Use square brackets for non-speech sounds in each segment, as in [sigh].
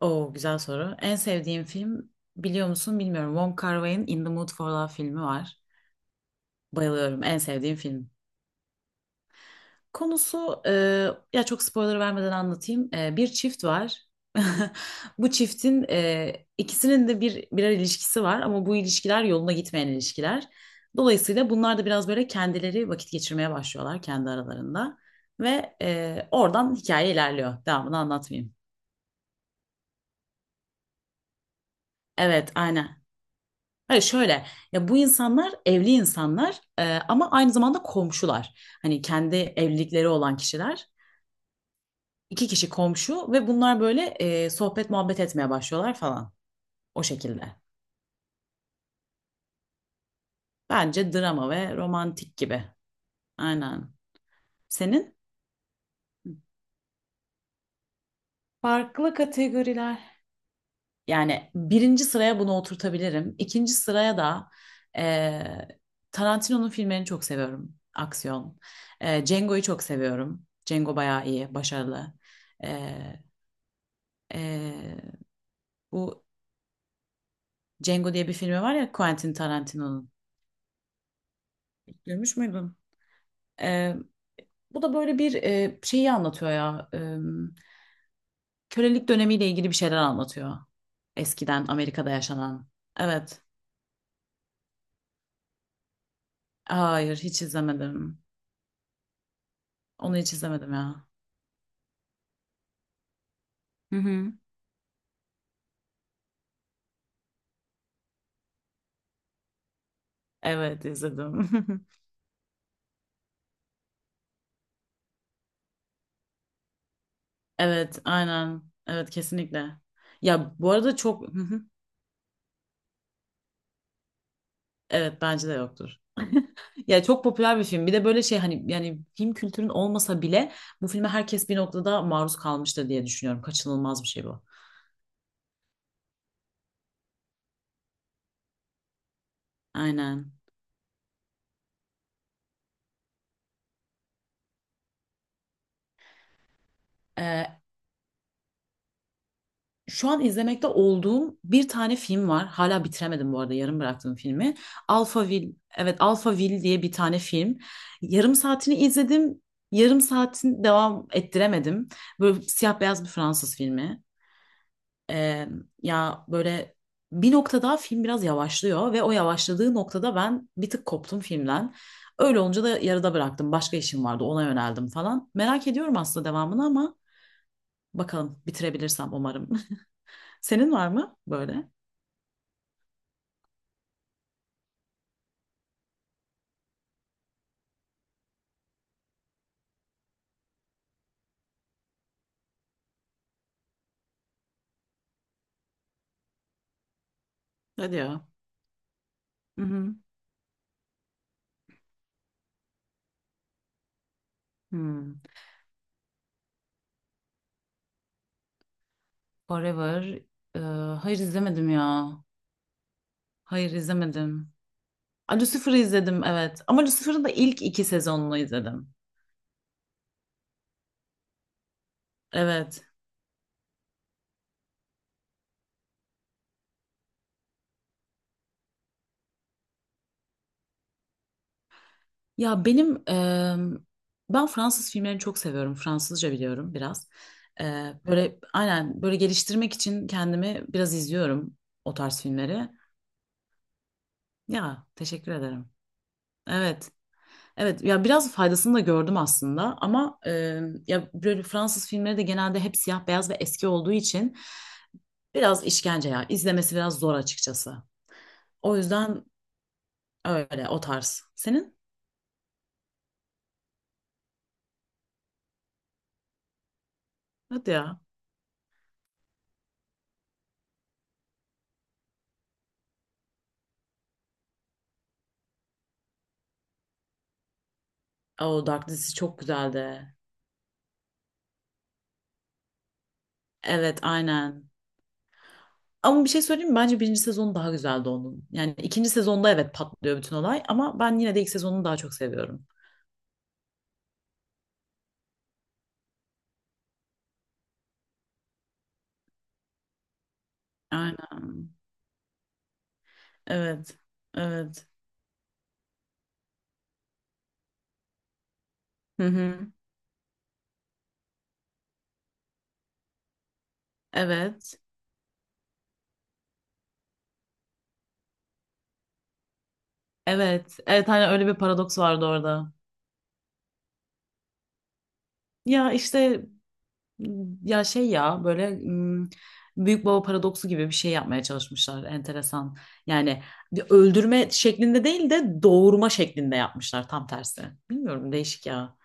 Oo, güzel soru. En sevdiğim film biliyor musun bilmiyorum. Wong Kar-wai'nin In the Mood for Love filmi var. Bayılıyorum. En sevdiğim film. Konusu ya çok spoiler vermeden anlatayım. Bir çift var. [laughs] Bu çiftin ikisinin de birer ilişkisi var, ama bu ilişkiler yoluna gitmeyen ilişkiler. Dolayısıyla bunlar da biraz böyle kendileri vakit geçirmeye başlıyorlar kendi aralarında ve oradan hikaye ilerliyor. Devamını anlatmayayım. Evet, aynen. Hayır, şöyle, ya bu insanlar evli insanlar, ama aynı zamanda komşular. Hani kendi evlilikleri olan kişiler. İki kişi komşu ve bunlar böyle sohbet muhabbet etmeye başlıyorlar falan, o şekilde. Bence drama ve romantik gibi. Aynen. Senin? Farklı kategoriler. Yani birinci sıraya bunu oturtabilirim. İkinci sıraya da e, Tarantino'nun filmlerini çok seviyorum. Aksiyon. Django'yu çok seviyorum. Django bayağı iyi, başarılı. E, e, bu Django diye bir filmi var ya, Quentin Tarantino'nun. Görmüş müydün? E, Bu da böyle bir şeyi anlatıyor ya. Kölelik dönemiyle ilgili bir şeyler anlatıyor. Eskiden Amerika'da yaşanan. Evet. Hayır, hiç izlemedim. Onu hiç izlemedim ya. Hı hı. Evet izledim. [laughs] Evet aynen. Evet kesinlikle. Ya bu arada çok. Hı hı. Evet bence de yoktur. Ya çok popüler bir film. Bir de böyle şey, hani yani film kültürün olmasa bile bu filme herkes bir noktada maruz kalmıştır diye düşünüyorum. Kaçınılmaz bir şey bu. Aynen. Ee, şu an izlemekte olduğum bir tane film var. Hala bitiremedim bu arada yarım bıraktığım filmi. Alphaville. Evet, Alphaville diye bir tane film. Yarım saatini izledim. Yarım saatin devam ettiremedim. Böyle siyah beyaz bir Fransız filmi. Ee, ya böyle bir noktada film biraz yavaşlıyor ve o yavaşladığı noktada ben bir tık koptum filmden. Öyle olunca da yarıda bıraktım. Başka işim vardı, ona yöneldim falan. Merak ediyorum aslında devamını ama bakalım, bitirebilirsem umarım. [laughs] Senin var mı böyle? Hadi ya. Hı hı. Hmm. Forever. Ee, hayır izlemedim ya. Hayır izlemedim. A, Lucifer'ı izledim, evet. Ama Lucifer'ın da ilk iki sezonunu izledim. Evet. Ya benim ben Fransız filmlerini çok seviyorum. Fransızca biliyorum biraz. Böyle aynen böyle geliştirmek için kendimi biraz izliyorum o tarz filmleri. Ya teşekkür ederim. Evet. Evet ya, biraz faydasını da gördüm aslında, ama ya böyle Fransız filmleri de genelde hep siyah beyaz ve eski olduğu için biraz işkence ya, izlemesi biraz zor açıkçası. O yüzden öyle o tarz. Senin? Hadi ya. O Dark dizisi çok güzeldi. Evet aynen. Ama bir şey söyleyeyim mi? Bence birinci sezonu daha güzeldi onun. Yani ikinci sezonda evet patlıyor bütün olay, ama ben yine de ilk sezonunu daha çok seviyorum. Aynen. Evet. Evet. Hı hı. Evet. Evet, evet, hani öyle bir paradoks vardı orada. Ya işte, ya şey, ya böyle büyük baba paradoksu gibi bir şey yapmaya çalışmışlar, enteresan. Yani bir öldürme şeklinde değil de doğurma şeklinde yapmışlar, tam tersi. Bilmiyorum, değişik ya.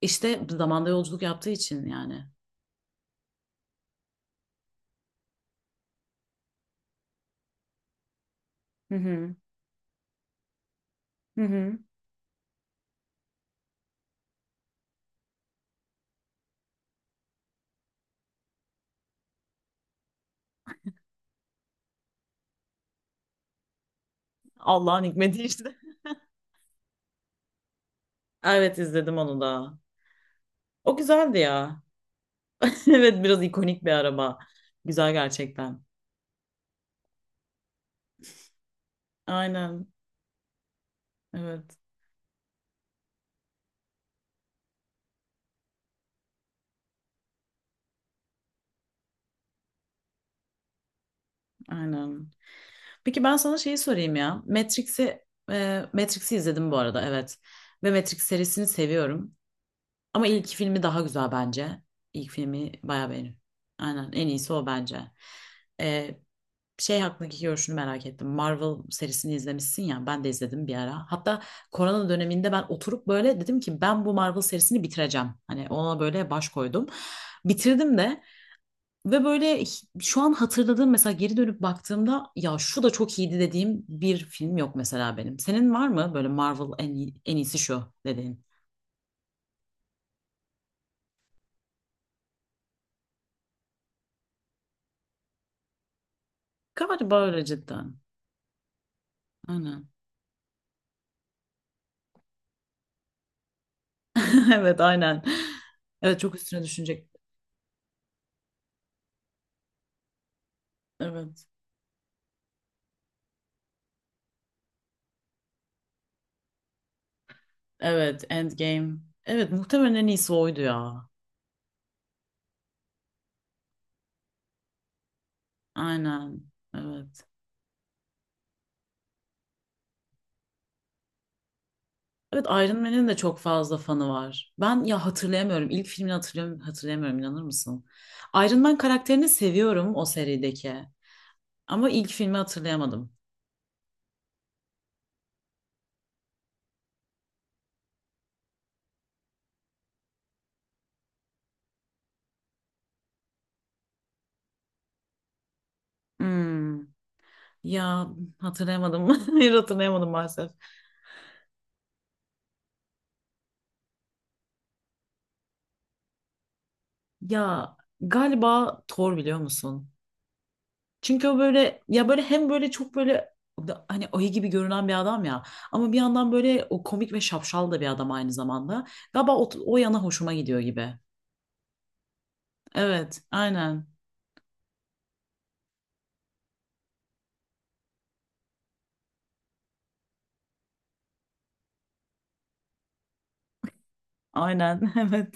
İşte zamanda yolculuk yaptığı için yani. Hı hı. Hı hı. Allah'ın hikmeti işte. [laughs] Evet izledim onu da. O güzeldi ya. [laughs] Evet, biraz ikonik bir araba. Güzel gerçekten. Aynen. Evet. Aynen. Peki ben sana şeyi sorayım ya. Matrix'i izledim bu arada, evet. Ve Matrix serisini seviyorum. Ama ilk filmi daha güzel bence. İlk filmi bayağı beğeniyorum. Aynen, en iyisi o bence. E, şey hakkındaki görüşünü merak ettim. Marvel serisini izlemişsin ya, ben de izledim bir ara. Hatta korona döneminde ben oturup böyle dedim ki ben bu Marvel serisini bitireceğim. Hani ona böyle baş koydum. Bitirdim de ve böyle şu an hatırladığım mesela, geri dönüp baktığımda ya şu da çok iyiydi dediğim bir film yok mesela benim. Senin var mı böyle Marvel en iyisi şu dediğin? Galiba öyle cidden. Aynen. [laughs] Evet aynen. Evet, çok üstüne düşünecek. Evet. Evet, Endgame. Evet, muhtemelen en iyisi oydu ya. Aynen. Evet. Evet, Iron Man'in de çok fazla fanı var. Ben ya hatırlayamıyorum. İlk filmini hatırlıyorum, hatırlayamıyorum, inanır mısın? Iron Man karakterini seviyorum o serideki. Ama ilk filmi hatırlayamadım. Hmm. Ya hatırlayamadım. [laughs] Hayır hatırlayamadım maalesef. Ya galiba Thor, biliyor musun? Çünkü o böyle, ya böyle hem böyle çok böyle hani ayı gibi görünen bir adam ya, ama bir yandan böyle o komik ve şapşal da bir adam aynı zamanda. Galiba o, o yana hoşuma gidiyor gibi. Evet, aynen. Aynen, [laughs] evet.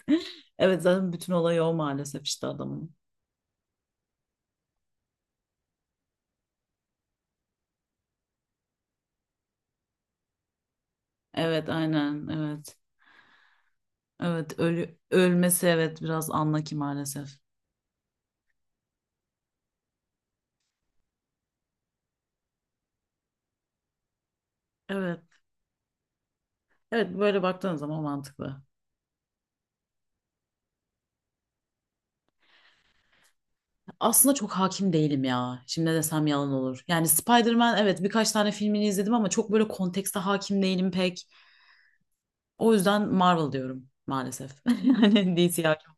Evet, zaten bütün olayı o, maalesef işte adamın. Evet, aynen, evet. Evet, ölmesi evet biraz anla ki maalesef. Evet. Evet, böyle baktığın zaman mantıklı. Aslında çok hakim değilim ya. Şimdi ne desem yalan olur. Yani Spider-Man, evet birkaç tane filmini izledim ama çok böyle kontekste hakim değilim pek. O yüzden Marvel diyorum maalesef. [laughs] Yani DC hakim.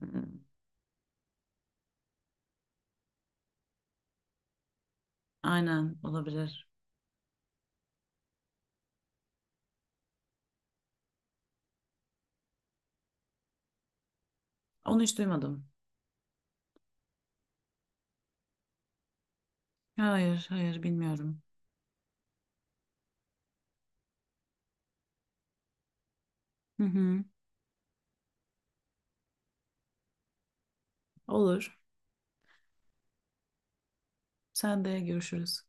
Hmm. Aynen, olabilir. Onu hiç duymadım. Hayır hayır, bilmiyorum. Hı hı. Olur. Sen de görüşürüz.